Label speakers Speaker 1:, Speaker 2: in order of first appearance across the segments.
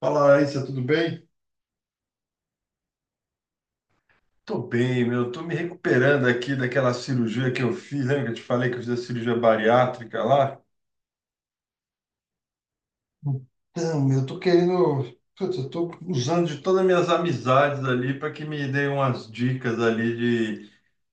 Speaker 1: Fala, Larissa, tudo bem? Tô bem, meu. Tô me recuperando aqui daquela cirurgia que eu fiz. Lembra que eu te falei que eu fiz a cirurgia bariátrica lá? Então, meu, eu tô querendo. Putz, eu tô usando de todas as minhas amizades ali para que me deem umas dicas ali de,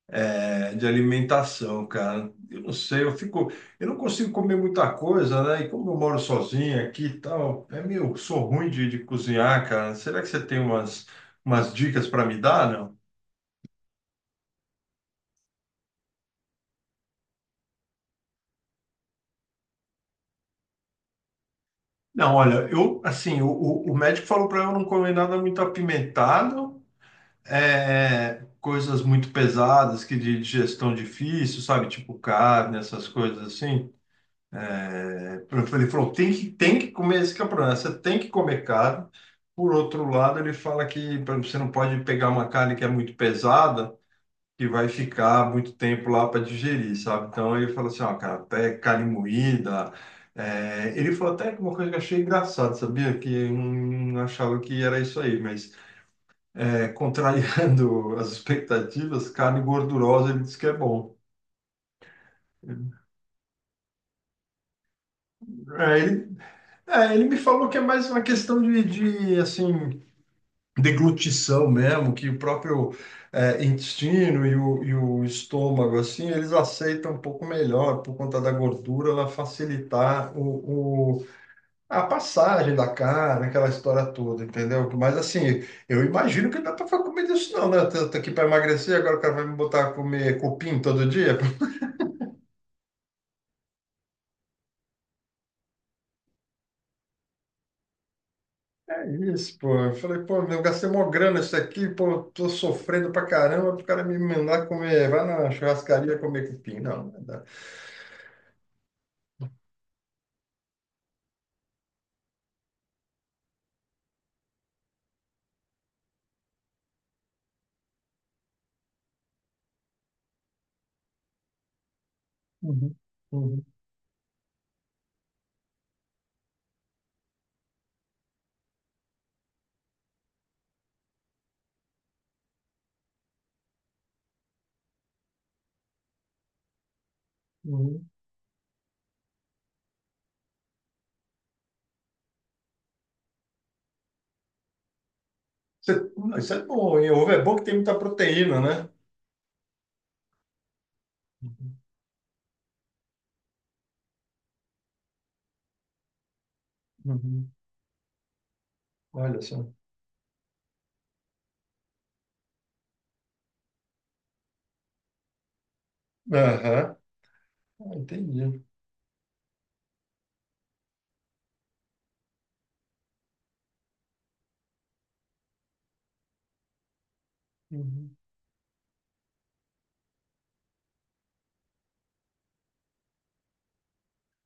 Speaker 1: de alimentação, cara. Eu não sei, eu fico. Eu não consigo comer muita coisa, né? E como eu moro sozinho aqui e tal, é meio. Sou ruim de cozinhar, cara. Será que você tem umas, umas dicas para me dar? Não, olha, eu assim, o médico falou para eu não comer nada muito apimentado, é, coisas muito pesadas, que de digestão difícil, sabe? Tipo carne, essas coisas assim. É, ele falou, tem que comer, esse que é o problema, você tem que comer carne. Por outro lado, ele fala que você não pode pegar uma carne que é muito pesada, que vai ficar muito tempo lá para digerir, sabe? Então ele falou assim, ó, cara, até carne moída. É, ele falou até que uma coisa que eu achei engraçado, sabia? Que eu não achava que era isso aí, mas é, contrariando as expectativas, carne gordurosa ele disse que é bom. É, ele, é, ele me falou que é mais uma questão de assim. Deglutição mesmo, que o próprio intestino e o estômago, assim, eles aceitam um pouco melhor, por conta da gordura, ela facilitar a passagem da carne, aquela história toda, entendeu? Mas, assim, eu imagino que não dá para comer disso não, né? Tô aqui para emagrecer, agora o cara vai me botar a comer cupim todo dia? É isso, pô. Eu falei, pô, meu, eu gastei mó grana isso aqui, pô, tô sofrendo pra caramba, pro cara me mandar comer, vai na churrascaria comer cupim. Não, não dá. Uhum, uhum, uhum. Você- Isso é bom, hein? Ovo é bom que tem muita proteína, né? Uhum, uhum. Olha só. Aham. Ah, entendi. Uhum.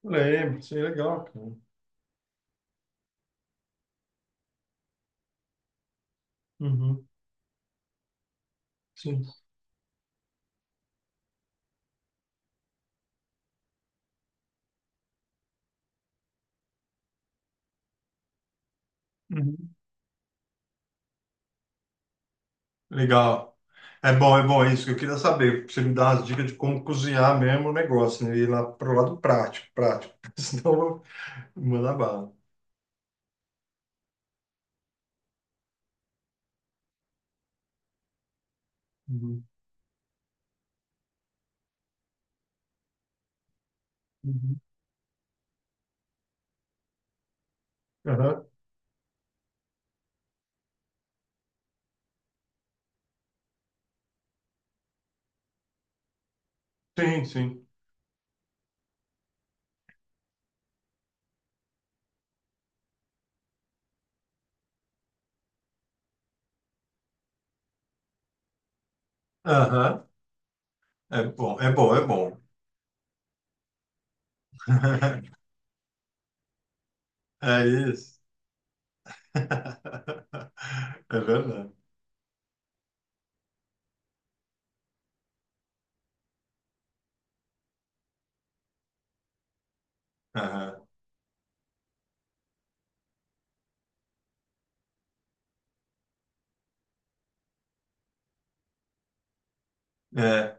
Speaker 1: Lembro, isso é legal, cara. Uhum. Sim. Uhum. Legal. É bom, é bom, é isso que eu queria saber. Pra Você me dá umas dicas de como cozinhar mesmo o negócio, né? Ir lá pro lado prático, prático. Senão eu vou mandar bala. Uhum, uhum. Aham. Sim, sim. Aham. É bom, é bom, é bom. É isso. É verdade. Aham. É,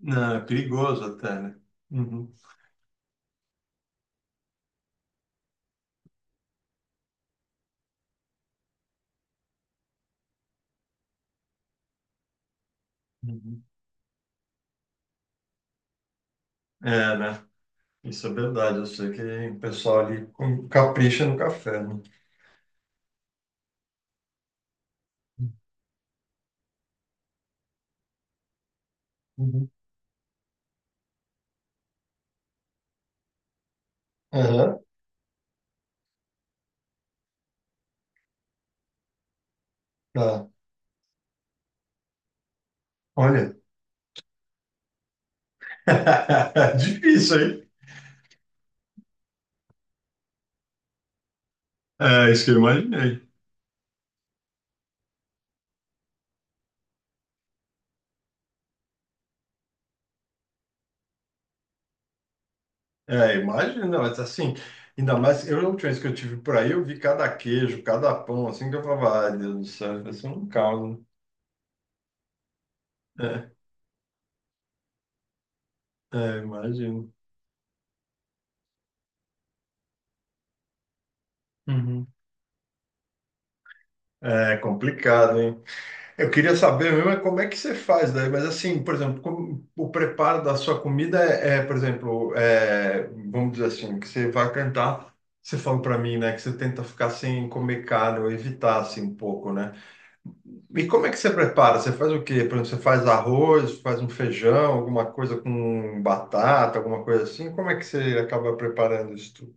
Speaker 1: não, é perigoso até, né? Uhum, uhum. É, né? Isso é verdade. Eu sei que o pessoal ali capricha no café, né? Uhum. Aham. Tá. Olha. Difícil, hein? É isso que eu imaginei. É, imagina, mas assim, ainda mais, eu a última vez que eu tive por aí, eu vi cada queijo, cada pão, assim, que eu falava, ai, Deus do céu, isso é um caos, né? É, é, imagino. Uhum. É complicado, hein? Eu queria saber mesmo é como é que você faz daí, mas assim, por exemplo, como o preparo da sua comida é, é, por exemplo, é, vamos dizer assim, que você vai cantar, você falou para mim, né, que você tenta ficar sem comer carne ou evitar assim um pouco, né? E como é que você prepara? Você faz o quê? Por exemplo, você faz arroz, faz um feijão, alguma coisa com batata, alguma coisa assim? Como é que você acaba preparando isso tudo?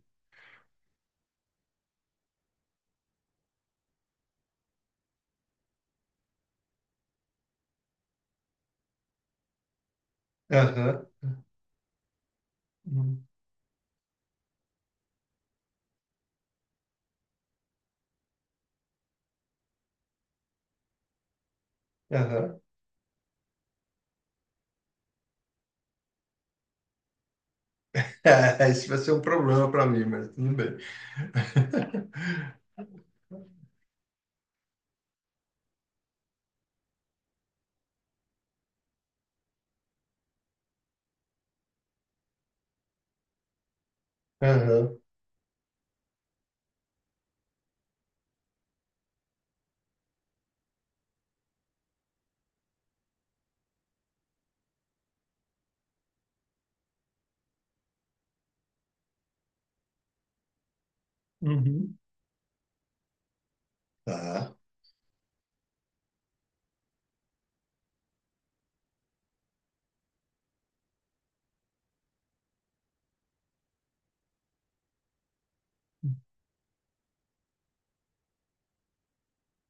Speaker 1: Aham. Uhum. Aham. É, isso vai ser um problema para mim, mas tudo bem. Aham. Uhum. Tá.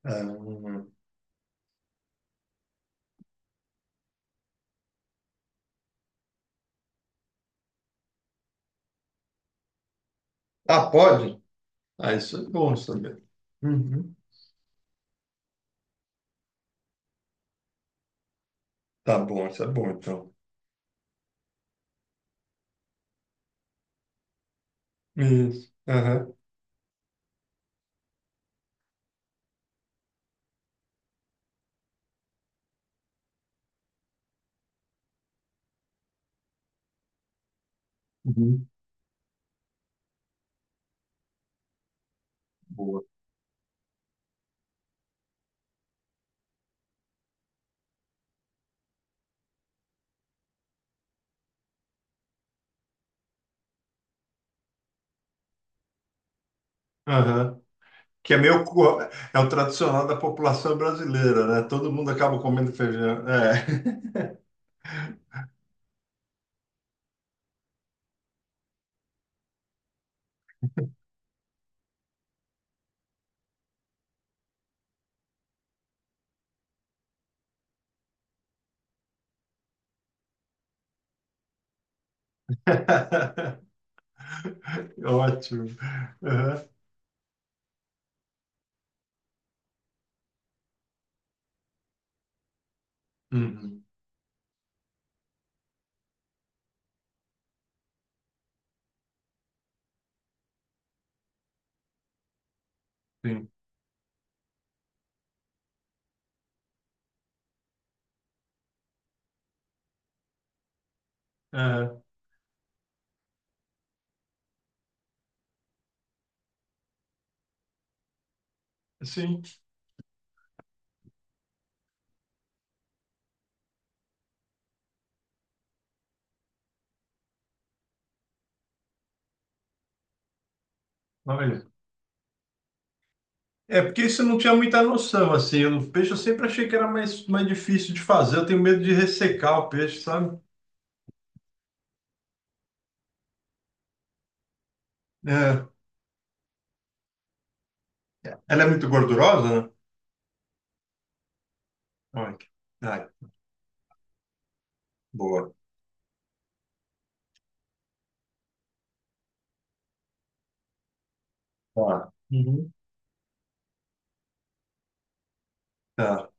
Speaker 1: Ahn. Ah, pode? Ah, isso é bom saber. Uhum. Tá bom, isso é bom, então. Isso. Aham. Uhum. Boa. Aham. Que é meio... É o tradicional da população brasileira, né? Todo mundo acaba comendo feijão. É. Ótimo. Aham. Uhum. Sim. Aham. Sim. Olha. É, porque isso eu não tinha muita noção, assim. Eu, no peixe eu sempre achei que era mais, mais difícil de fazer. Eu tenho medo de ressecar o peixe, sabe? É. Ela é muito gordurosa, né? Ai, ai, boa. Tá. Uhum. Tá.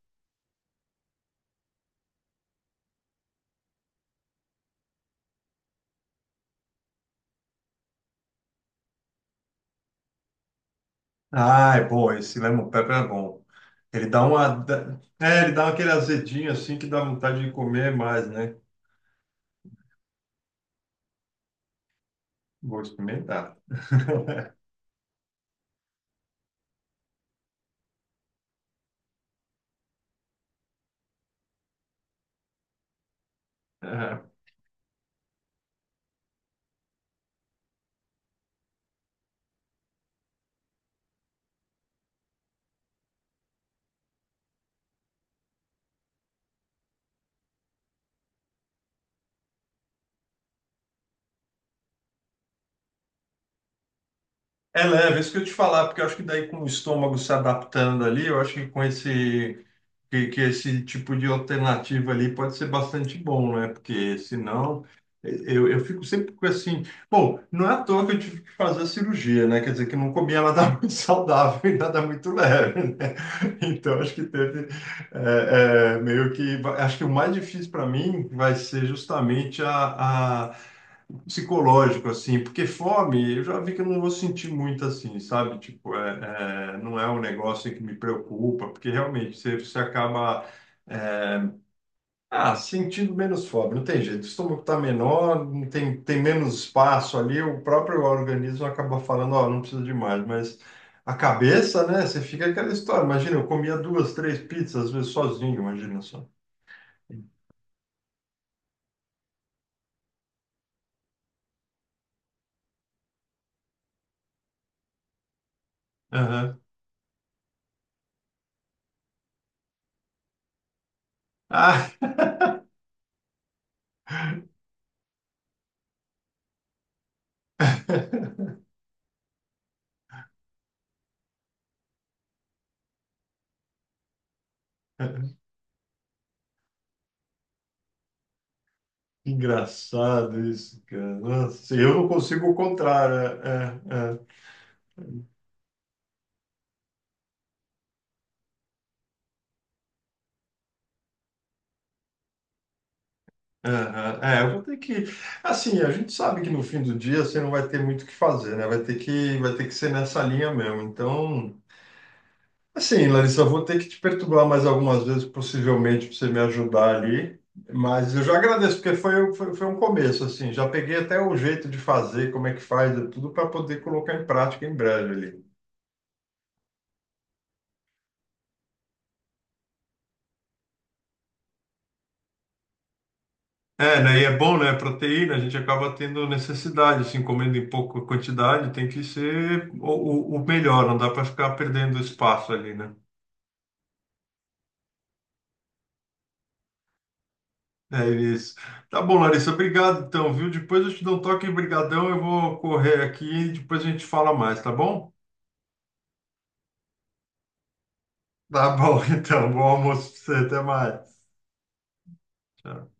Speaker 1: Ah, é bom. Esse lemon pepper é bom. Ele dá uma... É, ele dá aquele azedinho, assim, que dá vontade de comer mais, né? Vou experimentar. É. É leve, é isso que eu te falar, porque eu acho que daí com o estômago se adaptando ali, eu acho que com esse... que esse tipo de alternativa ali pode ser bastante bom, né? Porque senão eu fico sempre com assim, bom, não é à toa que eu tive que fazer a cirurgia, né? Quer dizer, que eu não comia nada muito saudável e nada muito leve, né? Então acho que teve meio que. Acho que o mais difícil para mim vai ser justamente a psicológico, assim, porque fome, eu já vi que eu não vou sentir muito assim, sabe? Tipo, não é um negócio que me preocupa, porque realmente você, você acaba é, ah, sentindo menos fome, não tem jeito. O estômago está menor, não tem, tem menos espaço ali, o próprio organismo acaba falando, ó, não precisa de mais, mas a cabeça, né, você fica aquela história. Imagina, eu comia duas, três pizzas, às vezes sozinho, imagina só. Aham. Ah. Engraçado isso, cara. Nossa, eu não consigo o contrário. Eu vou ter que. Assim, a gente sabe que no fim do dia você não vai ter muito o que fazer, né? Vai ter que ser nessa linha mesmo. Então, assim, Larissa, eu vou ter que te perturbar mais algumas vezes, possivelmente, para você me ajudar ali. Mas eu já agradeço, porque foi um começo, assim. Já peguei até o jeito de fazer, como é que faz, tudo para poder colocar em prática em breve ali. É, né? E é bom, né? Proteína, a gente acaba tendo necessidade, assim, comendo em pouca quantidade, tem que ser o, o melhor, não dá para ficar perdendo espaço ali, né? É isso. Tá bom, Larissa, obrigado então, viu? Depois eu te dou um toque, brigadão, eu vou correr aqui e depois a gente fala mais, tá bom? Tá bom, então, bom almoço pra você, até mais. Tchau.